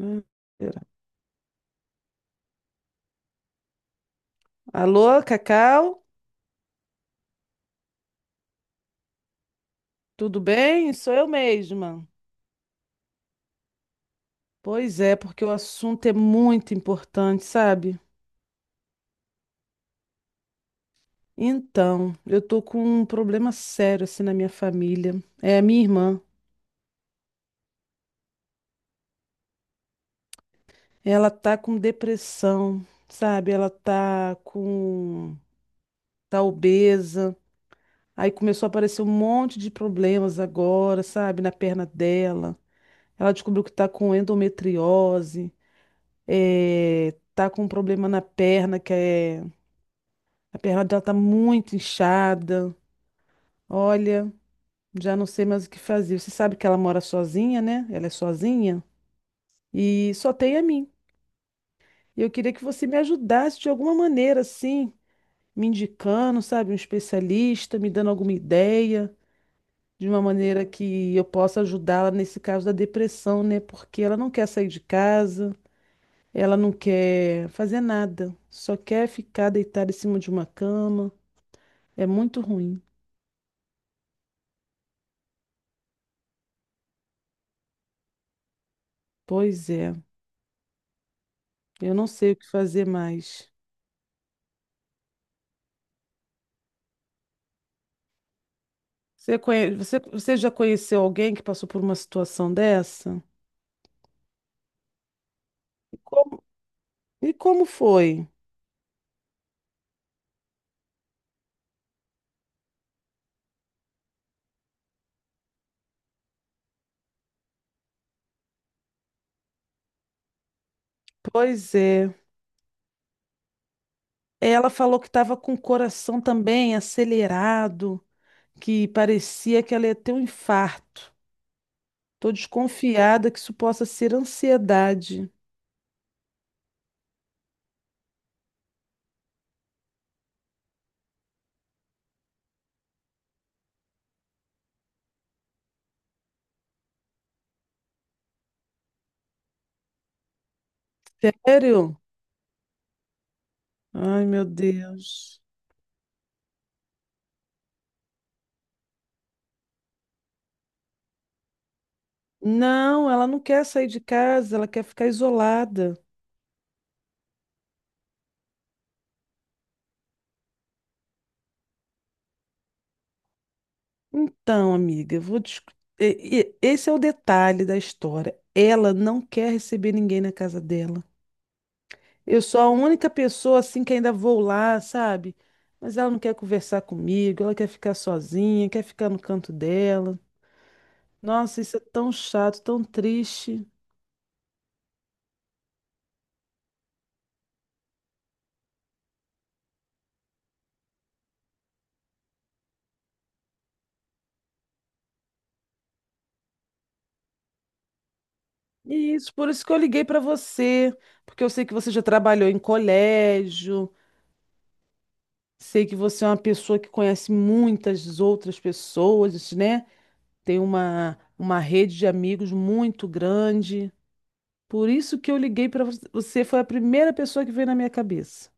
Ah, pera. Alô, Cacau? Tudo bem? Sou eu mesma. Pois é, porque o assunto é muito importante, sabe? Então, eu tô com um problema sério assim na minha família. É a minha irmã. Ela tá com depressão, sabe? Ela tá com Tá obesa. Aí começou a aparecer um monte de problemas agora, sabe? Na perna dela. Ela descobriu que tá com endometriose, tá com um problema na perna que é A perna dela tá muito inchada. Olha, já não sei mais o que fazer. Você sabe que ela mora sozinha, né? Ela é sozinha e só tem a mim. E eu queria que você me ajudasse de alguma maneira, assim, me indicando, sabe, um especialista, me dando alguma ideia, de uma maneira que eu possa ajudá-la nesse caso da depressão, né? Porque ela não quer sair de casa, ela não quer fazer nada, só quer ficar deitada em cima de uma cama. É muito ruim. Pois é. Eu não sei o que fazer mais. Você já conheceu alguém que passou por uma situação dessa? E como, e como foi? Pois é. Ela falou que estava com o coração também acelerado, que parecia que ela ia ter um infarto. Estou desconfiada que isso possa ser ansiedade. Sério? Ai, meu Deus. Não, ela não quer sair de casa, ela quer ficar isolada. Então, amiga, eu vou discu- e- Esse é o detalhe da história. Ela não quer receber ninguém na casa dela. Eu sou a única pessoa assim que ainda vou lá, sabe? Mas ela não quer conversar comigo, ela quer ficar sozinha, quer ficar no canto dela. Nossa, isso é tão chato, tão triste. Por isso que eu liguei para você, porque eu sei que você já trabalhou em colégio, sei que você é uma pessoa que conhece muitas outras pessoas, né? Tem uma rede de amigos muito grande. Por isso que eu liguei para você, foi a primeira pessoa que veio na minha cabeça.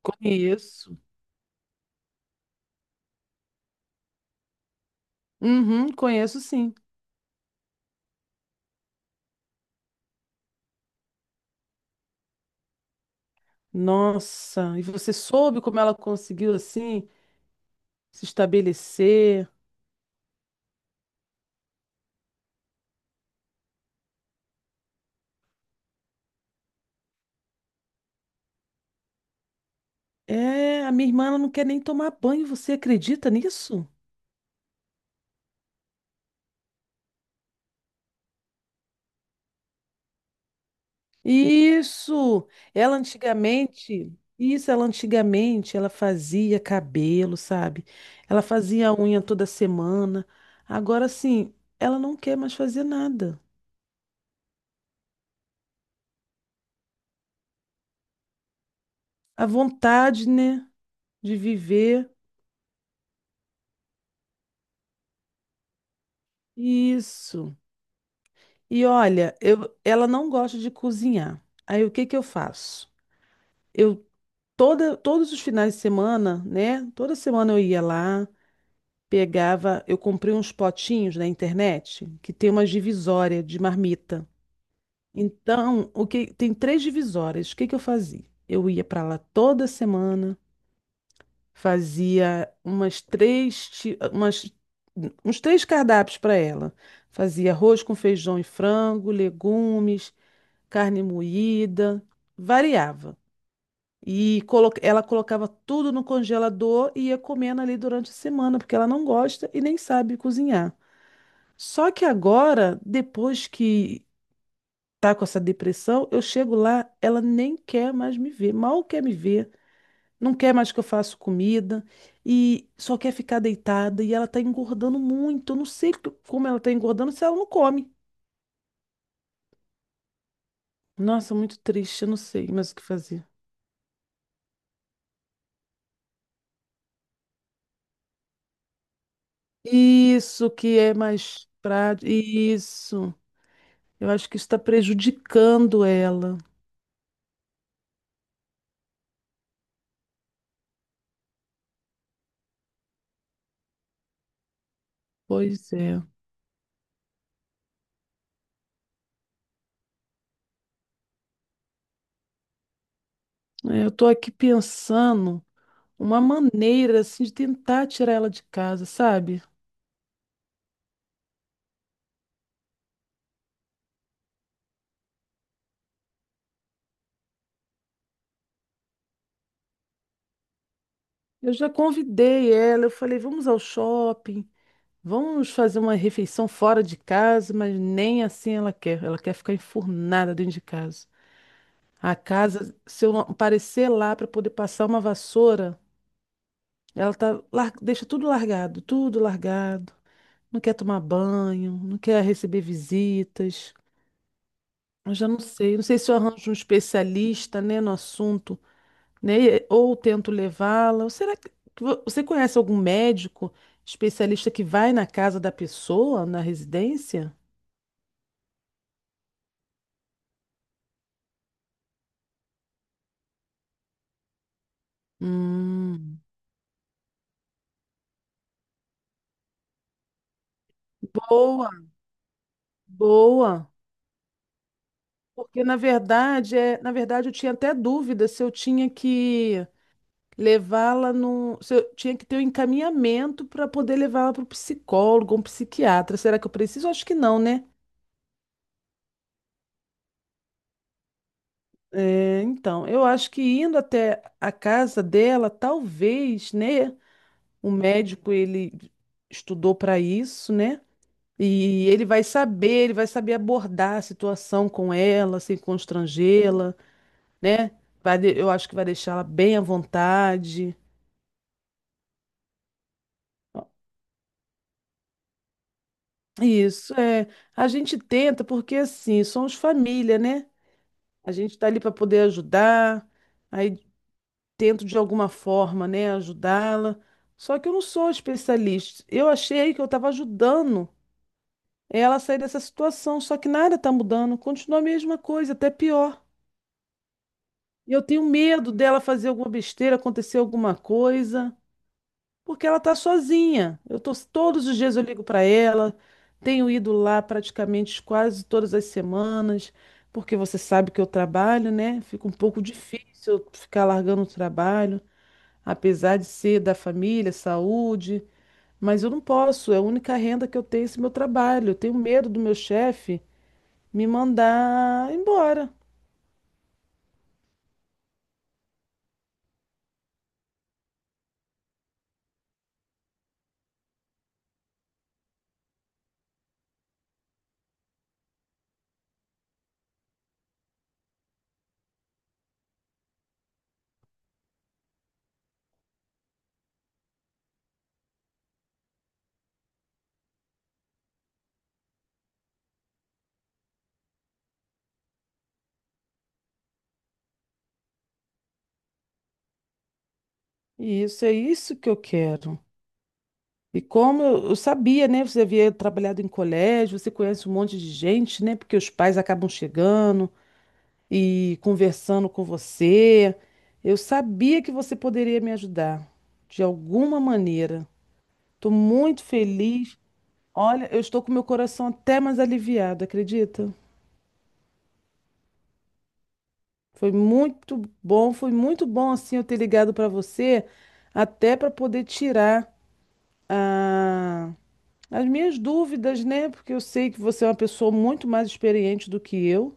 Conheço. Uhum, conheço sim. Nossa, e você soube como ela conseguiu assim se estabelecer? É, a minha irmã ela não quer nem tomar banho, você acredita nisso? Isso, ela antigamente, isso, ela antigamente, ela fazia cabelo, sabe? Ela fazia unha toda semana. Agora sim, ela não quer mais fazer nada. A vontade, né, de viver, isso. E olha, eu, ela não gosta de cozinhar. Aí o que que eu faço? Eu todos os finais de semana, né? Toda semana eu ia lá. Pegava, eu comprei uns potinhos na internet que tem uma divisória de marmita. Então, o que tem três divisórias. O que que eu fazia? Eu ia para lá toda semana, fazia umas três, ti- umas, uns três cardápios para ela. Fazia arroz com feijão e frango, legumes, carne moída, variava. Ela colocava tudo no congelador e ia comendo ali durante a semana, porque ela não gosta e nem sabe cozinhar. Só que agora, depois que tá com essa depressão, eu chego lá, ela nem quer mais me ver, mal quer me ver, não quer mais que eu faça comida e só quer ficar deitada e ela tá engordando muito. Eu não sei como ela tá engordando se ela não come. Nossa, muito triste, eu não sei mais o que fazer. Isso que é mais prático. Isso. Eu acho que isso está prejudicando ela. Pois é. É, eu tô aqui pensando uma maneira assim de tentar tirar ela de casa, sabe? Eu já convidei ela, eu falei, vamos ao shopping, vamos fazer uma refeição fora de casa, mas nem assim ela quer. Ela quer ficar enfurnada dentro de casa. A casa, se eu não aparecer lá para poder passar uma vassoura, ela tá, lar- deixa tudo largado, tudo largado. Não quer tomar banho, não quer receber visitas. Eu já não sei, não sei se eu arranjo um especialista, né, no assunto, né? E- ou tento levá-la. Ou será que você conhece algum médico especialista que vai na casa da pessoa, na residência? Hum, boa, boa. Porque na verdade, na verdade eu tinha até dúvida se eu tinha que levá-la num, se eu tinha que ter um encaminhamento para poder levá-la para o psicólogo, um psiquiatra. Será que eu preciso? Acho que não, né? É, então, eu acho que indo até a casa dela, talvez, né? O médico, ele estudou para isso, né? E ele vai saber abordar a situação com ela, sem constrangê-la, né? Vai, eu acho que vai deixar ela bem à vontade. Isso, é. A gente tenta, porque assim, somos família, né? A gente está ali para poder ajudar, aí tento de alguma forma, né, ajudá-la. Só que eu não sou especialista. Eu achei que eu estava ajudando é ela sair dessa situação, só que nada está mudando, continua a mesma coisa, até pior. E eu tenho medo dela fazer alguma besteira, acontecer alguma coisa, porque ela está sozinha. Eu tô todos os dias eu ligo para ela, tenho ido lá praticamente quase todas as semanas, porque você sabe que eu trabalho, né? Fica um pouco difícil eu ficar largando o trabalho, apesar de ser da família, saúde, mas eu não posso, é a única renda que eu tenho esse meu trabalho. Eu tenho medo do meu chefe me mandar embora. E isso é isso que eu quero. E como eu sabia, né? Você havia trabalhado em colégio, você conhece um monte de gente, né? Porque os pais acabam chegando e conversando com você. Eu sabia que você poderia me ajudar de alguma maneira. Estou muito feliz. Olha, eu estou com meu coração até mais aliviado, acredita? Foi muito bom assim eu ter ligado para você, até para poder tirar, ah, as minhas dúvidas, né? Porque eu sei que você é uma pessoa muito mais experiente do que eu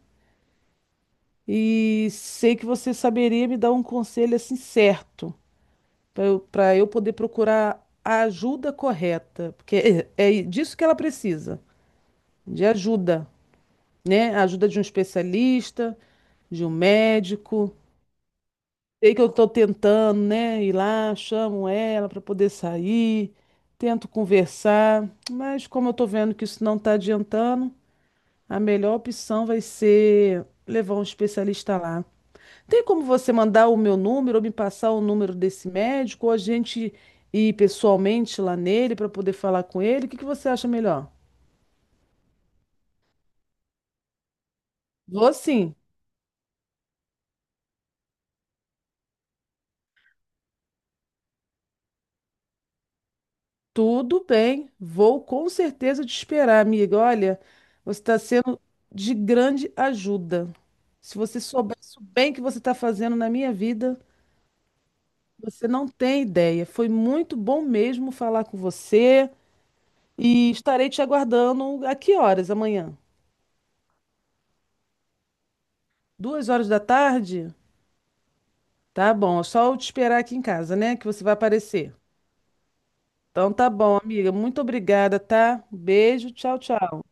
e sei que você saberia me dar um conselho assim certo para eu poder procurar a ajuda correta, porque é disso que ela precisa, de ajuda, né? A ajuda de um especialista, de um médico. Sei que eu estou tentando, né? Ir lá, chamo ela para poder sair, tento conversar, mas como eu estou vendo que isso não está adiantando, a melhor opção vai ser levar um especialista lá. Tem como você mandar o meu número ou me passar o número desse médico ou a gente ir pessoalmente lá nele para poder falar com ele? O que que você acha melhor? Vou sim. Tudo bem. Vou com certeza te esperar, amiga. Olha, você está sendo de grande ajuda. Se você soubesse o bem que você está fazendo na minha vida, você não tem ideia. Foi muito bom mesmo falar com você. E estarei te aguardando a que horas amanhã? 2 horas da tarde? Tá bom, é só eu te esperar aqui em casa, né? Que você vai aparecer. Então tá bom, amiga. Muito obrigada, tá? Beijo, tchau, tchau.